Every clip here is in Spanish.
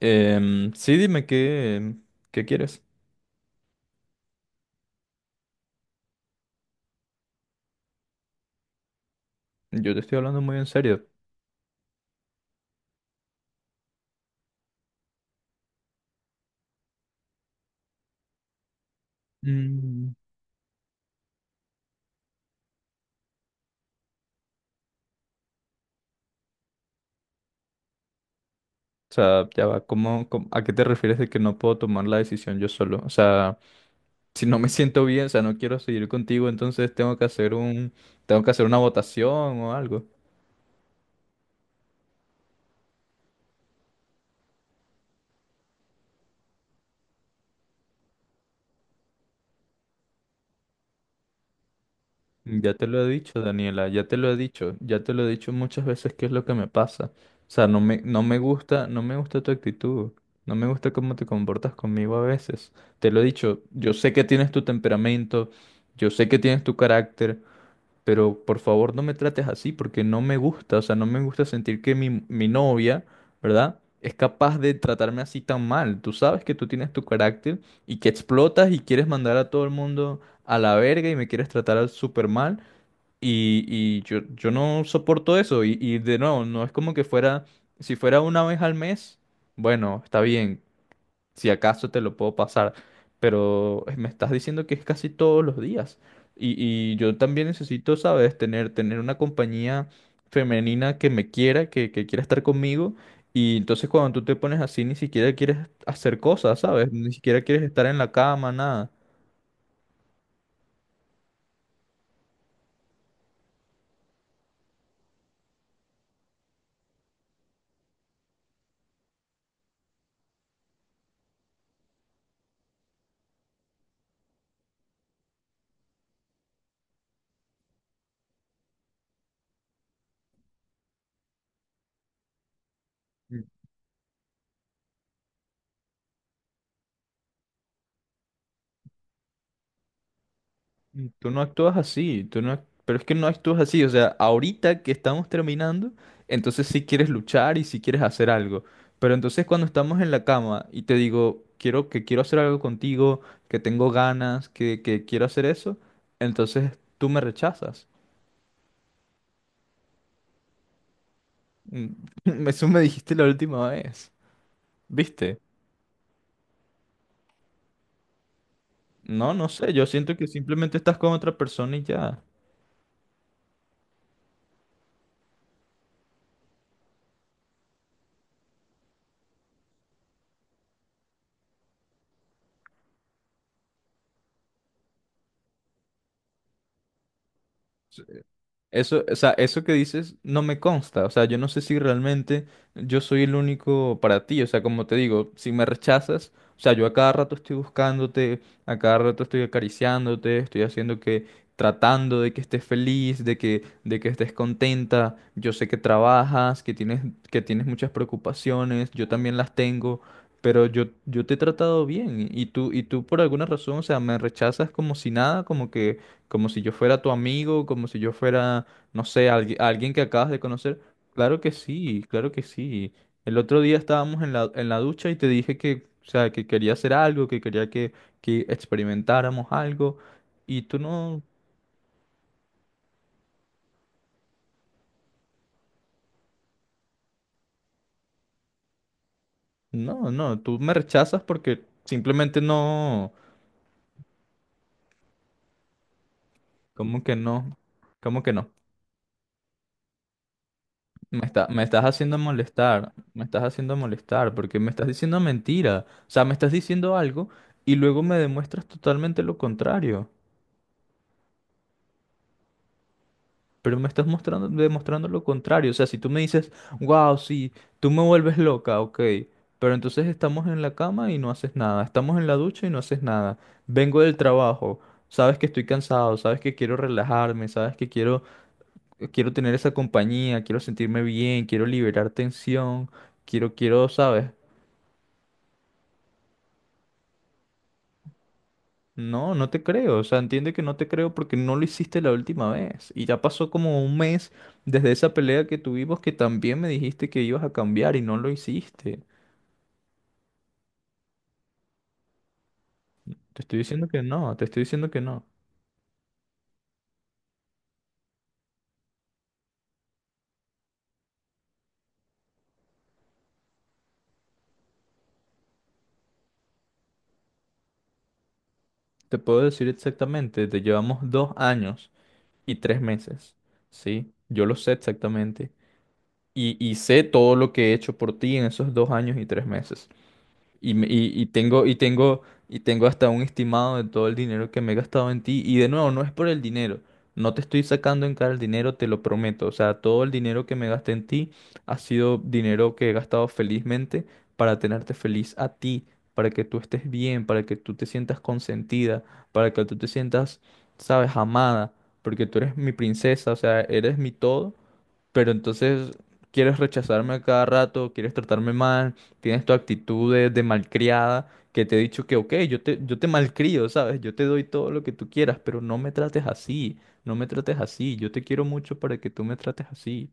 Sí, dime qué quieres. Yo te estoy hablando muy en serio. Mm, O sea, ya va, a qué te refieres de que no puedo tomar la decisión yo solo? O sea, si no me siento bien, o sea, no quiero seguir contigo, entonces tengo que hacer una votación o algo. Ya te lo he dicho, Daniela, ya te lo he dicho, ya te lo he dicho muchas veces qué es lo que me pasa. O sea, no me gusta tu actitud, no me gusta cómo te comportas conmigo a veces. Te lo he dicho, yo sé que tienes tu temperamento, yo sé que tienes tu carácter, pero por favor no me trates así porque no me gusta, o sea, no me gusta sentir que mi novia, ¿verdad? Es capaz de tratarme así tan mal. Tú sabes que tú tienes tu carácter y que explotas y quieres mandar a todo el mundo a la verga y me quieres tratar súper mal. Y yo no soporto eso. Y de nuevo, no es como que fuera, si fuera una vez al mes, bueno, está bien, si acaso te lo puedo pasar, pero me estás diciendo que es casi todos los días. Y, y yo también necesito, ¿sabes? Tener una compañía femenina que me quiera, que quiera estar conmigo. Y entonces cuando tú te pones así, ni siquiera quieres hacer cosas, ¿sabes? Ni siquiera quieres estar en la cama, nada. Tú no actúas así, tú no, ac- pero es que no actúas así, o sea, ahorita que estamos terminando, entonces sí quieres luchar y sí quieres hacer algo, pero entonces cuando estamos en la cama y te digo, quiero hacer algo contigo, que tengo ganas, que quiero hacer eso, entonces tú me rechazas. Eso me dijiste la última vez, ¿viste? No, no sé, yo siento que simplemente estás con otra persona y ya. Eso, o sea, eso que dices no me consta, o sea, yo no sé si realmente yo soy el único para ti, o sea, como te digo, si me rechazas, o sea, yo a cada rato estoy buscándote, a cada rato estoy acariciándote, tratando de que estés feliz, de que, estés contenta, yo sé que trabajas, que tienes muchas preocupaciones, yo también las tengo, pero yo te he tratado bien y tú por alguna razón, o sea, me rechazas como si nada, como si yo fuera tu amigo, como si yo fuera, no sé, alguien que acabas de conocer. Claro que sí, claro que sí. El otro día estábamos en la ducha y te dije que, o sea, que quería hacer algo, que quería que experimentáramos algo. Y tú no, no, no, tú me rechazas porque simplemente no, ¿cómo que no? ¿Cómo que no? Me estás haciendo molestar, me estás haciendo molestar, porque me estás diciendo mentira. O sea, me estás diciendo algo y luego me demuestras totalmente lo contrario. Pero me estás demostrando lo contrario. O sea, si tú me dices, wow, sí, tú me vuelves loca, ok. Pero entonces estamos en la cama y no haces nada. Estamos en la ducha y no haces nada. Vengo del trabajo. Sabes que estoy cansado, sabes que quiero relajarme, sabes que quiero tener esa compañía, quiero sentirme bien, quiero liberar tensión, quiero, ¿sabes? No, no te creo. O sea, entiende que no te creo porque no lo hiciste la última vez. Y ya pasó como un mes desde esa pelea que tuvimos que también me dijiste que ibas a cambiar y no lo hiciste. Te estoy diciendo que no, te estoy diciendo que no. Te puedo decir exactamente, te llevamos 2 años y 3 meses. ¿Sí? Yo lo sé exactamente. Y sé todo lo que he hecho por ti en esos 2 años y tres meses. Y, me- y, y tengo, y tengo, y tengo hasta un estimado de todo el dinero que me he gastado en ti. Y de nuevo, no es por el dinero. No te estoy sacando en cara el dinero, te lo prometo. O sea, todo el dinero que me gasté en ti ha sido dinero que he gastado felizmente para tenerte feliz a ti, para que tú estés bien, para que tú te sientas consentida, para que tú te sientas, sabes, amada, porque tú eres mi princesa, o sea, eres mi todo. Pero entonces quieres rechazarme a cada rato, quieres tratarme mal, tienes tu actitud de malcriada, que te he dicho que, ok, yo te malcrio, ¿sabes? Yo te doy todo lo que tú quieras, pero no me trates así, no me trates así, yo te quiero mucho para que tú me trates así.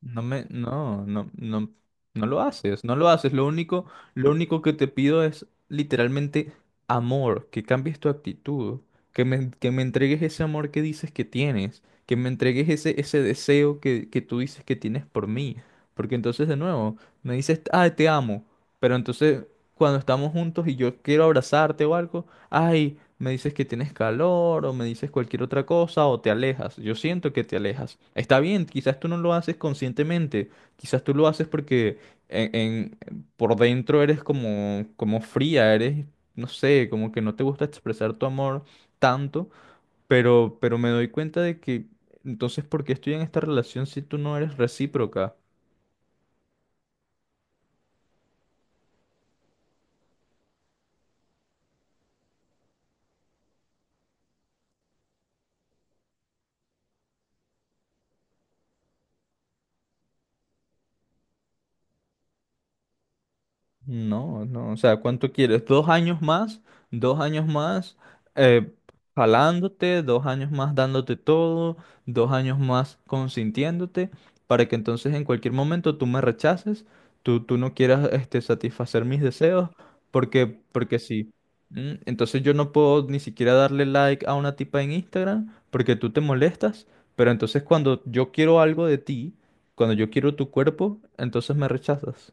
No me, no, no, no, no lo haces, no lo haces. Lo único que te pido es literalmente amor, que cambies tu actitud, que me entregues ese amor que dices que tienes, que me entregues ese deseo que tú dices que tienes por mí. Porque entonces de nuevo, me dices, ah, te amo, pero entonces cuando estamos juntos y yo quiero abrazarte o algo, ay, me dices que tienes calor o me dices cualquier otra cosa o te alejas. Yo siento que te alejas. Está bien, quizás tú no lo haces conscientemente, quizás tú lo haces porque en, en- por dentro eres como fría, eres, no sé, como que no te gusta expresar tu amor tanto, pero me doy cuenta de que entonces, ¿por qué estoy en esta relación si tú no eres recíproca? No, no, o sea, ¿cuánto quieres? ¿2 años más? ¿2 años más eh, jalándote? ¿2 años más dándote todo? ¿2 años más consintiéndote? Para que entonces en cualquier momento tú me rechaces, tú no quieras satisfacer mis deseos, porque sí. ¿Mm? Entonces yo no puedo ni siquiera darle like a una tipa en Instagram porque tú te molestas, pero entonces cuando yo quiero algo de ti, cuando yo quiero tu cuerpo, entonces me rechazas.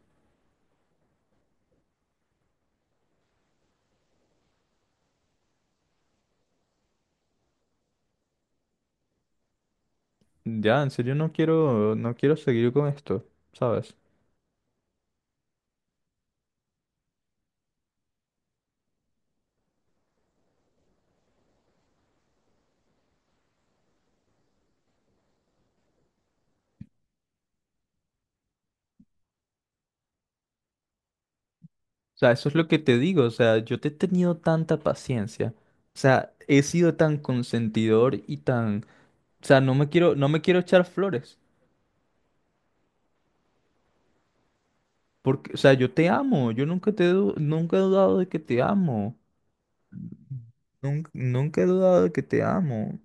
Ya, en serio no quiero seguir con esto, ¿sabes? O sea, eso es lo que te digo, o sea, yo te he tenido tanta paciencia, o sea, he sido tan consentidor y tan, o sea, no me quiero echar flores, porque, o sea, yo te amo, yo nunca te, he du- nunca he dudado de que te amo, nunca, nunca he dudado de que te amo,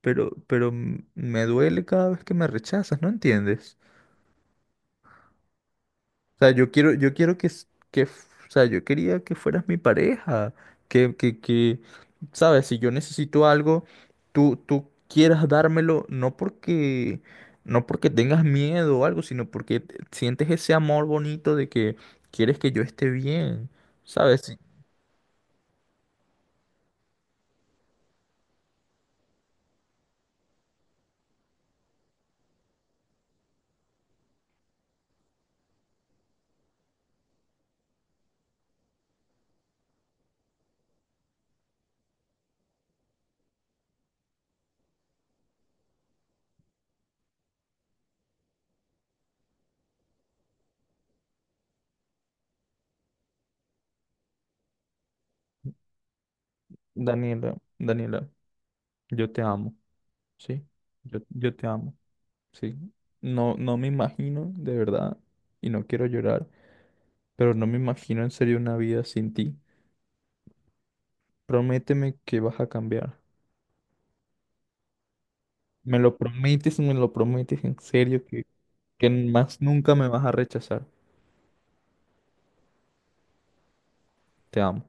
me duele cada vez que me rechazas, ¿no entiendes? Yo quiero que, s- que, f- o sea, yo quería que fueras mi pareja, que, sabes, si yo necesito algo, tú quieras dármelo, no porque tengas miedo o algo, sino porque sientes ese amor bonito de que quieres que yo esté bien, sabes. Sí, Daniela, Daniela, yo te amo, sí, yo te amo, sí, no, no me imagino, de verdad, y no quiero llorar, pero no me imagino en serio una vida sin ti. Prométeme que vas a cambiar. Me lo prometes en serio, que más nunca me vas a rechazar. Te amo.